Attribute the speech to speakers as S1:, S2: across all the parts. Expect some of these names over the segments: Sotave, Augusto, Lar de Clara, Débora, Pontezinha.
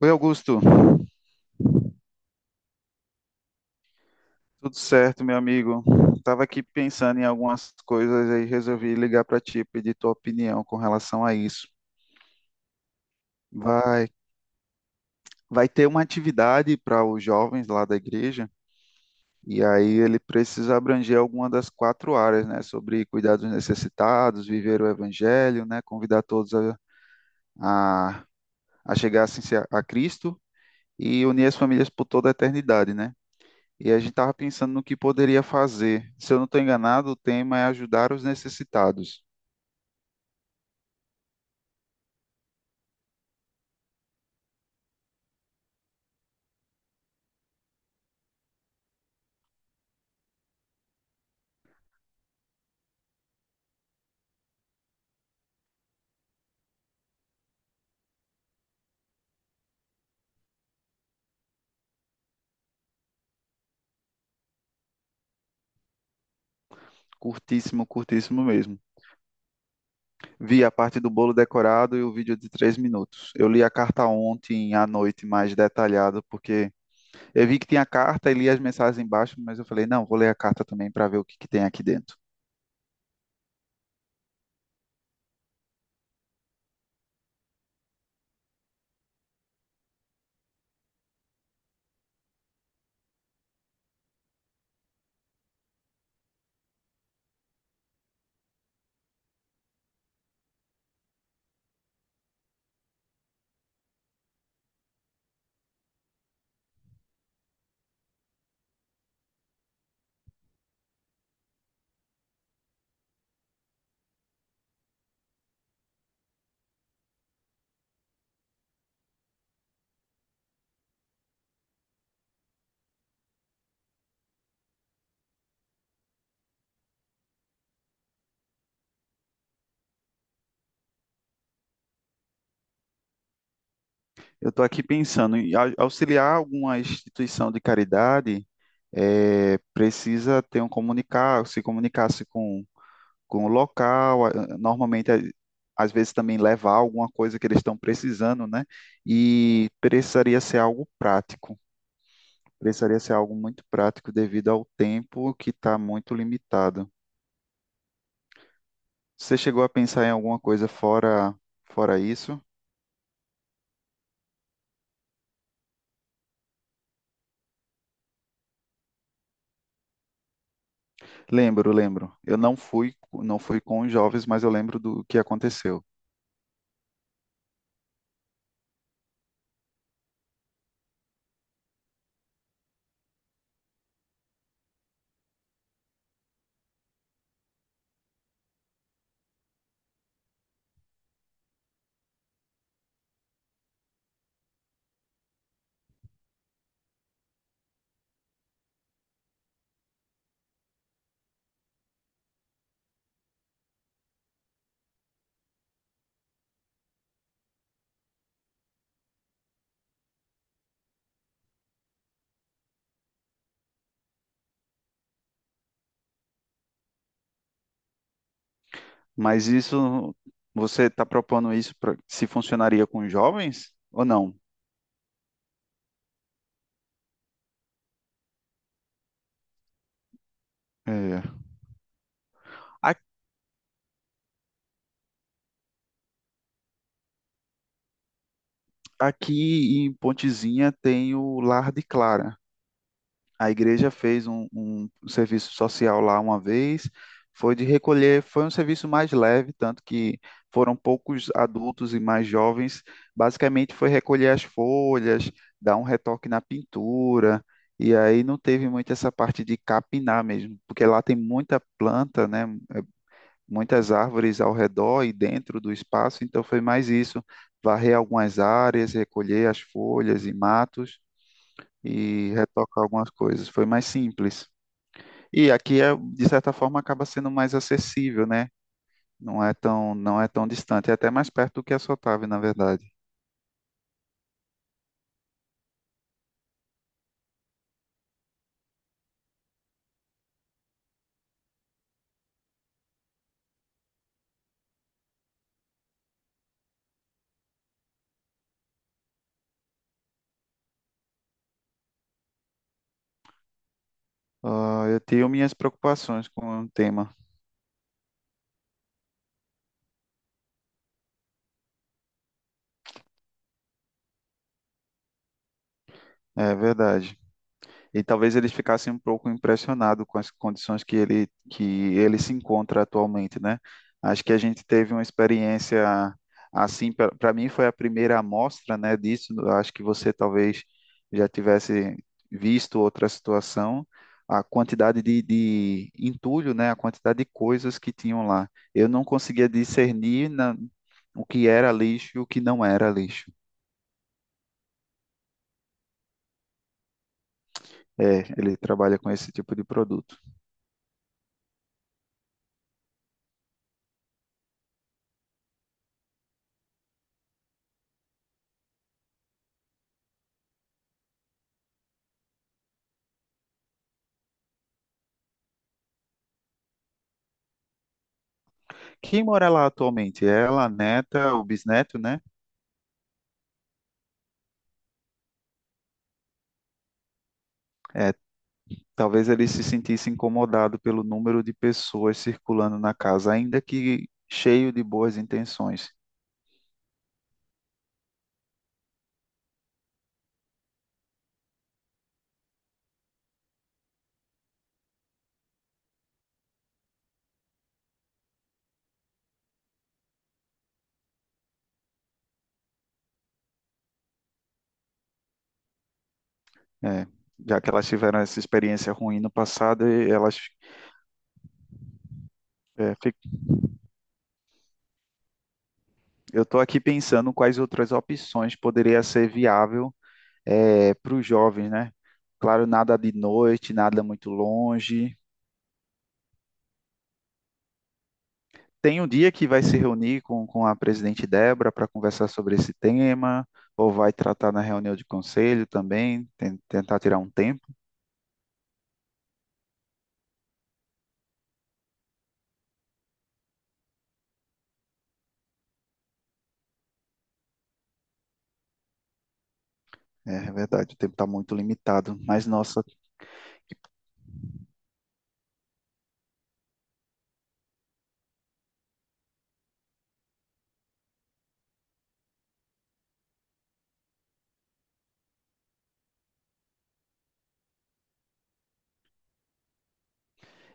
S1: Oi, Augusto. Tudo certo, meu amigo? Tava aqui pensando em algumas coisas e resolvi ligar para ti, pedir tua opinião com relação a isso. Vai, vai ter uma atividade para os jovens lá da igreja, e aí ele precisa abranger alguma das quatro áreas, né? Sobre cuidar dos necessitados, viver o evangelho, né? Convidar todos a, a chegar assim, a Cristo e unir as famílias por toda a eternidade, né? E a gente estava pensando no que poderia fazer. Se eu não estou enganado, o tema é ajudar os necessitados. Curtíssimo, curtíssimo mesmo. Vi a parte do bolo decorado e o vídeo de 3 minutos. Eu li a carta ontem à noite mais detalhada, porque eu vi que tinha a carta e li as mensagens embaixo, mas eu falei, não, vou ler a carta também para ver o que que tem aqui dentro. Eu estou aqui pensando em auxiliar alguma instituição de caridade, precisa ter um comunicar, se comunicasse com o local, normalmente às vezes também levar alguma coisa que eles estão precisando, né? E precisaria ser algo prático, precisaria ser algo muito prático devido ao tempo que está muito limitado. Você chegou a pensar em alguma coisa fora isso? Lembro, lembro. Eu não fui com os jovens, mas eu lembro do que aconteceu. Mas isso você está propondo isso pra, se funcionaria com os jovens ou não? É. Aqui em Pontezinha tem o Lar de Clara. A igreja fez um serviço social lá uma vez, foi de recolher, foi um serviço mais leve, tanto que foram poucos adultos e mais jovens. Basicamente foi recolher as folhas, dar um retoque na pintura, e aí não teve muito essa parte de capinar mesmo, porque lá tem muita planta, né? Muitas árvores ao redor e dentro do espaço, então foi mais isso, varrer algumas áreas, recolher as folhas e matos e retocar algumas coisas, foi mais simples. E aqui é, de certa forma acaba sendo mais acessível, né? Não é tão distante, é até mais perto do que a Sotave, na verdade. Ah, eu tenho minhas preocupações com o tema, é verdade. E talvez eles ficassem um pouco impressionados com as condições que ele se encontra atualmente, né? Acho que a gente teve uma experiência assim, para mim foi a primeira amostra, né, disso. Acho que você talvez já tivesse visto outra situação, a quantidade de entulho, né, a quantidade de coisas que tinham lá. Eu não conseguia discernir o que era lixo e o que não era lixo. É, ele trabalha com esse tipo de produto. Quem mora lá atualmente? É ela, a neta, o bisneto, né? É, talvez ele se sentisse incomodado pelo número de pessoas circulando na casa, ainda que cheio de boas intenções. É, já que elas tiveram essa experiência ruim no passado, e elas, é, fi- eu estou aqui pensando quais outras opções poderia ser viável para os jovens, né? Claro, nada de noite, nada muito longe. Tem um dia que vai se reunir com a presidente Débora para conversar sobre esse tema, ou vai tratar na reunião de conselho também, tentar tirar um tempo. É, é verdade, o tempo está muito limitado. Mas, nossa,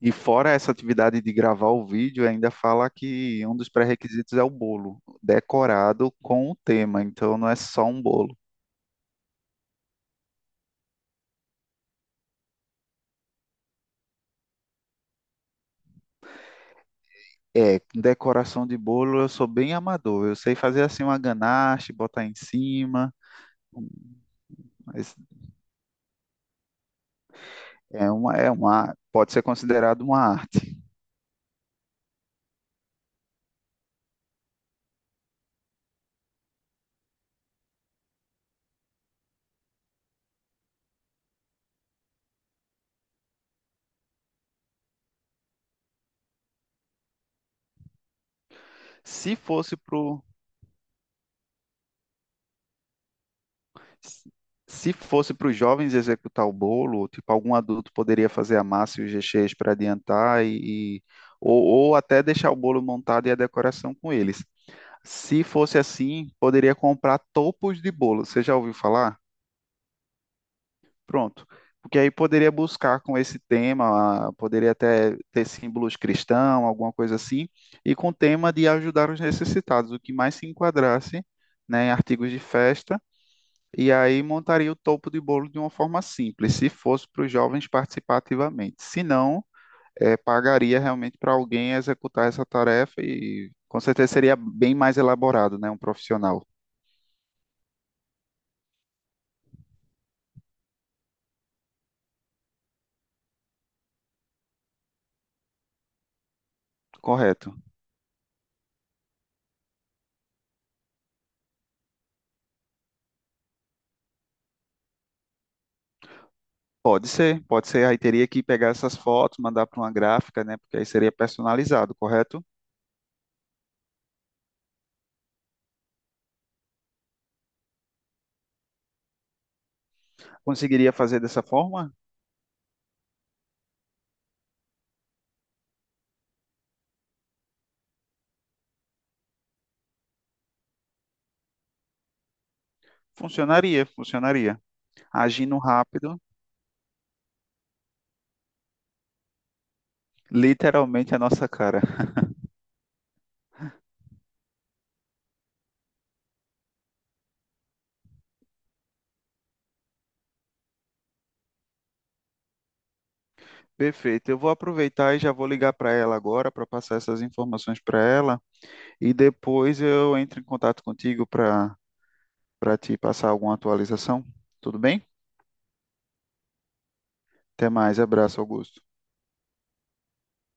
S1: e fora essa atividade de gravar o vídeo, ainda fala que um dos pré-requisitos é o bolo, decorado com o tema. Então, não é só um bolo. É, com decoração de bolo eu sou bem amador. Eu sei fazer assim uma ganache, botar em cima, mas é uma, pode ser considerado uma arte. Se fosse pro, Se fosse para os jovens executar o bolo, tipo algum adulto poderia fazer a massa e os recheios para adiantar ou até deixar o bolo montado e a decoração com eles. Se fosse assim, poderia comprar topos de bolo. Você já ouviu falar? Pronto. Porque aí poderia buscar com esse tema, poderia até ter símbolos cristãos, alguma coisa assim, e com o tema de ajudar os necessitados, o que mais se enquadrasse, né, em artigos de festa, e aí montaria o topo de bolo de uma forma simples, se fosse para os jovens participar ativamente. Se não, pagaria realmente para alguém executar essa tarefa e com certeza seria bem mais elaborado, né, um profissional. Correto. Pode ser, pode ser. Aí teria que pegar essas fotos, mandar para uma gráfica, né? Porque aí seria personalizado, correto? Conseguiria fazer dessa forma? Funcionaria, funcionaria. Agindo rápido, literalmente a nossa cara. Perfeito. Eu vou aproveitar e já vou ligar para ela agora para passar essas informações para ela e depois eu entro em contato contigo para para te passar alguma atualização. Tudo bem? Até mais. Abraço, Augusto.